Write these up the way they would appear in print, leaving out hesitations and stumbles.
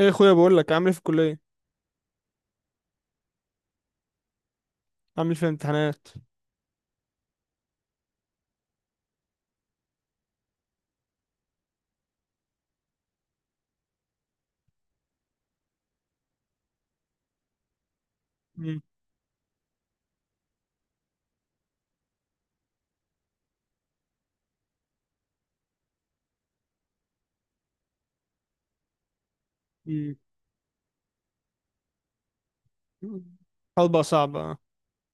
ايه يا اخويا، بقول لك عامل ايه في الكليه؟ عامل ايه في الامتحانات؟ مم. مم. الحوار بقى صعب آه.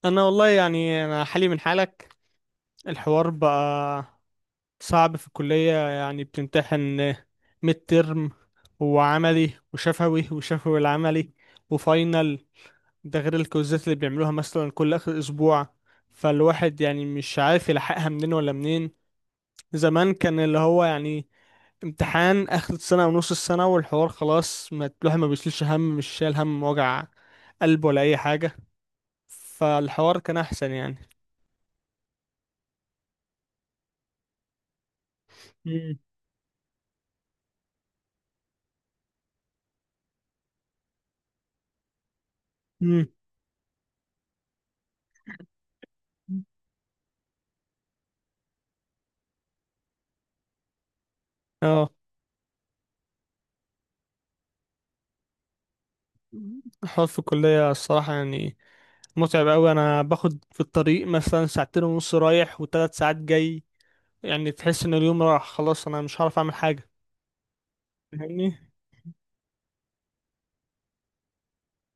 انا والله يعني انا حالي من حالك. الحوار بقى صعب في الكليه، يعني بتمتحن ميد ترم وعملي وشفوي وشفوي العملي وفاينل، ده غير الكوزات اللي بيعملوها مثلا كل اخر اسبوع. فالواحد يعني مش عارف يلحقها منين ولا منين. زمان كان اللي هو يعني امتحان اخر السنه او نص السنه والحوار خلاص، ما الواحد ما بيشيلش هم، مش شايل هم وجع قلب ولا اي حاجه. فالحوار كان احسن يعني. مم. مم. اه. الحوار في الكليه الصراحه يعني متعب قوي. انا باخد في الطريق مثلا ساعتين ونص رايح وثلاث ساعات جاي. يعني تحس ان اليوم راح خلاص، انا مش هعرف اعمل حاجه. فاهمني؟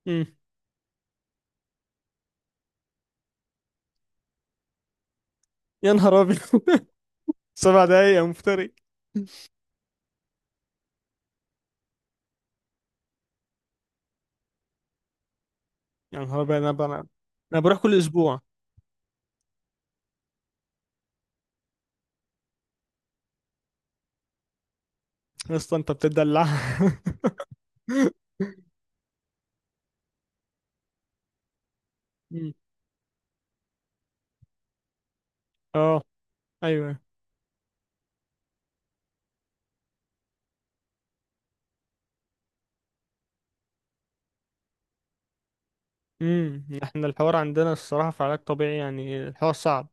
امم. يا نهار ابيض! 7 دقايق يا مفتري! يا نهار ابيض، انا بقى انا بروح كل اسبوع. يا اسطى انت بتدلع! مم. اه. ايوه. امم، احنا الحوار عندنا الصراحه في علاج طبيعي، يعني الحوار صعب.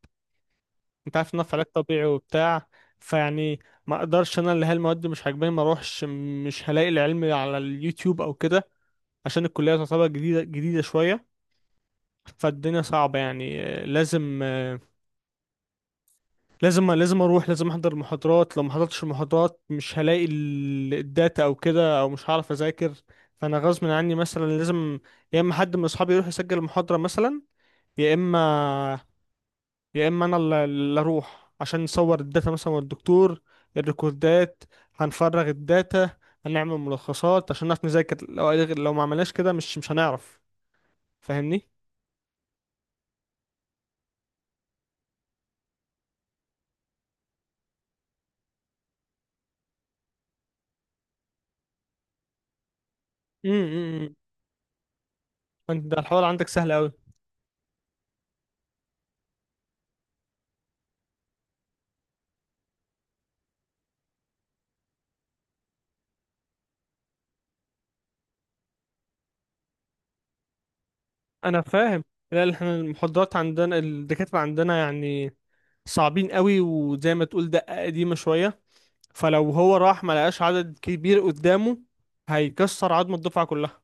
انت عارف ان أنا في علاج طبيعي وبتاع. فيعني ما اقدرش، انا اللي هي المواد مش عاجباني ما اروحش، مش هلاقي العلم على اليوتيوب او كده، عشان الكليه تعتبر جديده جديده شويه. فالدنيا صعبه يعني آه، لازم لازم لازم اروح، لازم احضر المحاضرات. لو ما حضرتش المحاضرات مش هلاقي الداتا او كده، او مش هعرف اذاكر. فانا غصب عني مثلا لازم يا اما حد من اصحابي يروح يسجل المحاضرة مثلا، يا اما يا اما انا اللي اروح عشان نصور الداتا مثلا والدكتور الريكوردات، هنفرغ الداتا، هنعمل ملخصات عشان نعرف نذاكر. لو ما عملناش كده مش هنعرف. فاهمني؟ امم. انت ده الحوار عندك سهل قوي. انا فاهم. لا لا، احنا المحاضرات عندنا الدكاترة عندنا يعني صعبين قوي، وزي ما تقول دقة قديمة شوية. فلو هو راح ما لقاش عدد كبير قدامه هيكسر عظمة الدفعة كلها،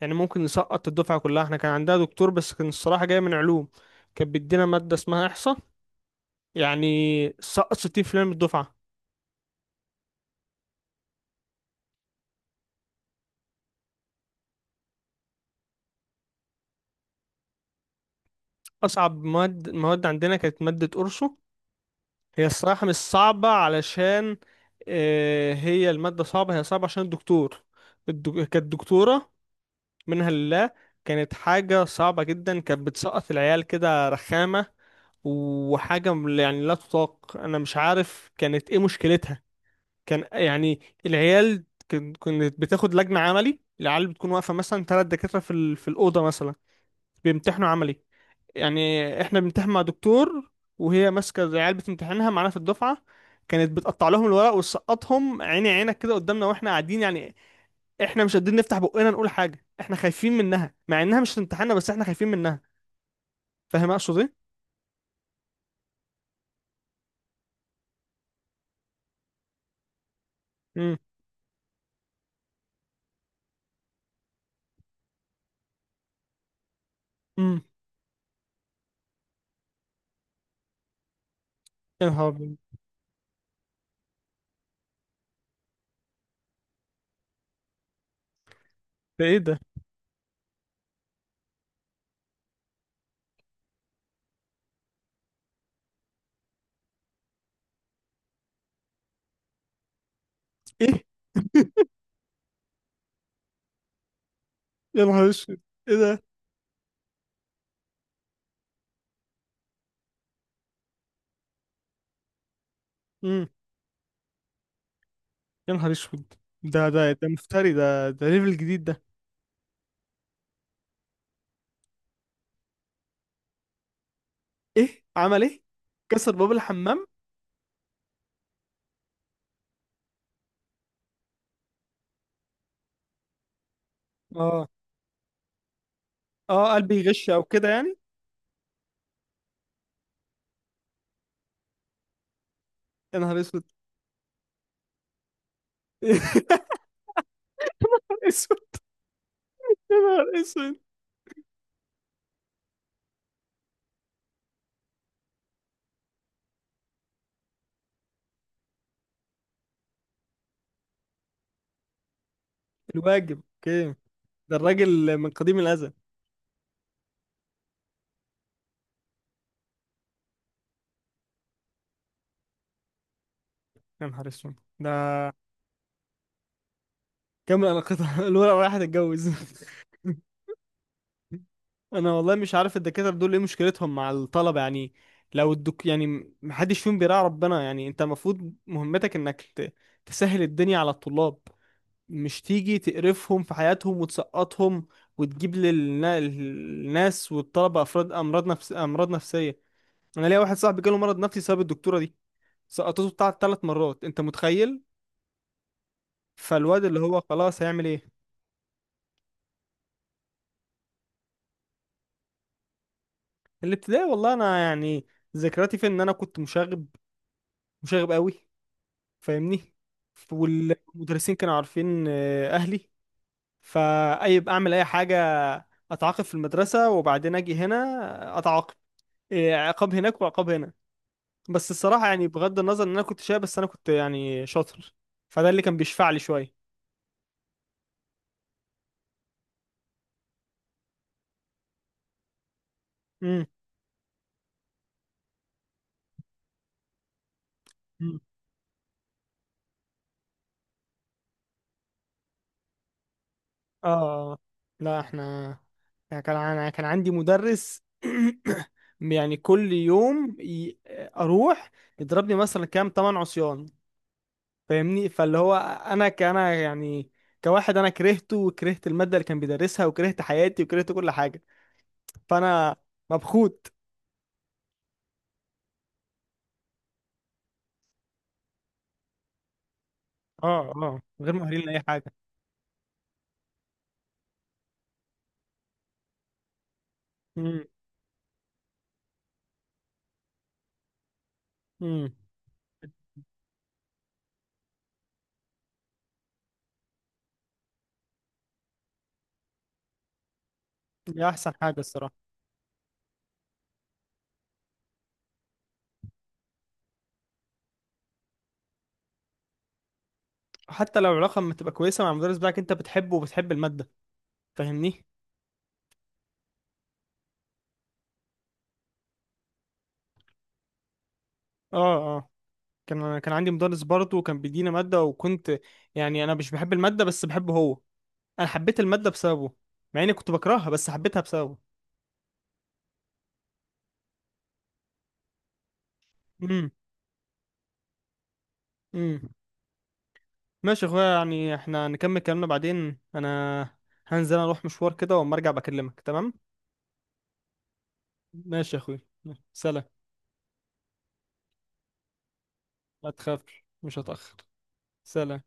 يعني ممكن يسقط الدفعة كلها. احنا كان عندنا دكتور بس كان الصراحة جاي من علوم، كان بيدينا مادة اسمها إحصاء، يعني سقط 60% من الدفعة. أصعب مواد عندنا كانت مادة أرسو. هي الصراحة مش صعبة، علشان آه، هي المادة صعبة، هي صعبة عشان الدكتور. كانت دكتورة منها لله. كانت حاجة صعبة جدا، كانت بتسقط العيال كده رخامة، وحاجة يعني لا تطاق. أنا مش عارف كانت إيه مشكلتها. كان يعني العيال كانت بتاخد لجنة عملي، العيال بتكون واقفة مثلا 3 دكاترة في في الأوضة مثلا بيمتحنوا عملي. يعني إحنا بنمتحن مع دكتور، وهي ماسكة العيال بتمتحنها معانا في الدفعة. كانت بتقطع لهم الورق وتسقطهم عيني عينك كده قدامنا واحنا قاعدين يعني. احنا مش قادرين نفتح بقنا نقول حاجه، احنا خايفين منها، مع انها مش تمتحنا بس احنا خايفين منها. فاهم اقصد ايه؟ امم. امم. يا نهار أبيض. ده ايه ده؟ ايه؟ يا نهار اسود! ايه ده؟ امم. يا نهار اسود! ده مفتري، ده ليفل جديد ده. ايه عمل ايه؟ كسر باب الحمام؟ اه. اه قلبي يغش او كده يعني. يا نهار اسود! يا نهار اسود! يا نهار اسود! الواجب اوكي. ده الراجل من قديم الازل. يا نهار اسود ده. كمل، انا قطع الورقه رايحه تتجوز. انا والله مش عارف الدكاتره دول ايه مشكلتهم مع الطلبه يعني. لو الدك يعني محدش فيهم بيراعي ربنا. يعني انت المفروض مهمتك انك تسهل الدنيا على الطلاب، مش تيجي تقرفهم في حياتهم وتسقطهم، وتجيب للناس والطلبه افراد امراض نفسيه. انا ليا واحد صاحبي جاله مرض نفسي بسبب الدكتوره دي، سقطته بتاع 3 مرات، انت متخيل؟ فالواد اللي هو خلاص هيعمل ايه؟ الابتدائي والله انا يعني ذكرياتي في ان انا كنت مشاغب، مشاغب قوي. فاهمني؟ والمدرسين كانوا عارفين آه، اهلي. فاي يبقى اعمل اي حاجه اتعاقب في المدرسه، وبعدين اجي هنا اتعاقب آه، عقاب هناك وعقاب هنا. بس الصراحه يعني بغض النظر ان انا كنت شايب بس انا كنت يعني شاطر، فده اللي كان بيشفع لي شويه. امم. أمم. اه. لا، احنا يعني انا كان عندي مدرس، يعني كل يوم اروح يضربني مثلا كام 8 عصيان. فاهمني؟ فاللي هو انا كأنا يعني كواحد انا كرهته، وكرهت المادة اللي كان بيدرسها، وكرهت حياتي، وكرهت كل حاجة. فانا مبخوت. اه. اه غير مؤهلين لأي حاجة. امم. امم. دي احسن حاجة الصراحة. حتى لو العلاقة ما تبقى كويسة مع المدرس بتاعك انت بتحبه وبتحب المادة. فاهمني؟ اه. اه كان عندي مدرس برضه كان بيدينا مادة، وكنت يعني انا مش بحب المادة بس بحبه هو. انا حبيت المادة بسببه، مع اني كنت بكرهها بس حبيتها بسببه. امم. ماشي يا اخويا، يعني احنا نكمل كلامنا بعدين. انا هنزل اروح مشوار كده واما ارجع بكلمك، تمام؟ ماشي يا اخويا. سلام. ما تخافش، مش هتأخر. سلام.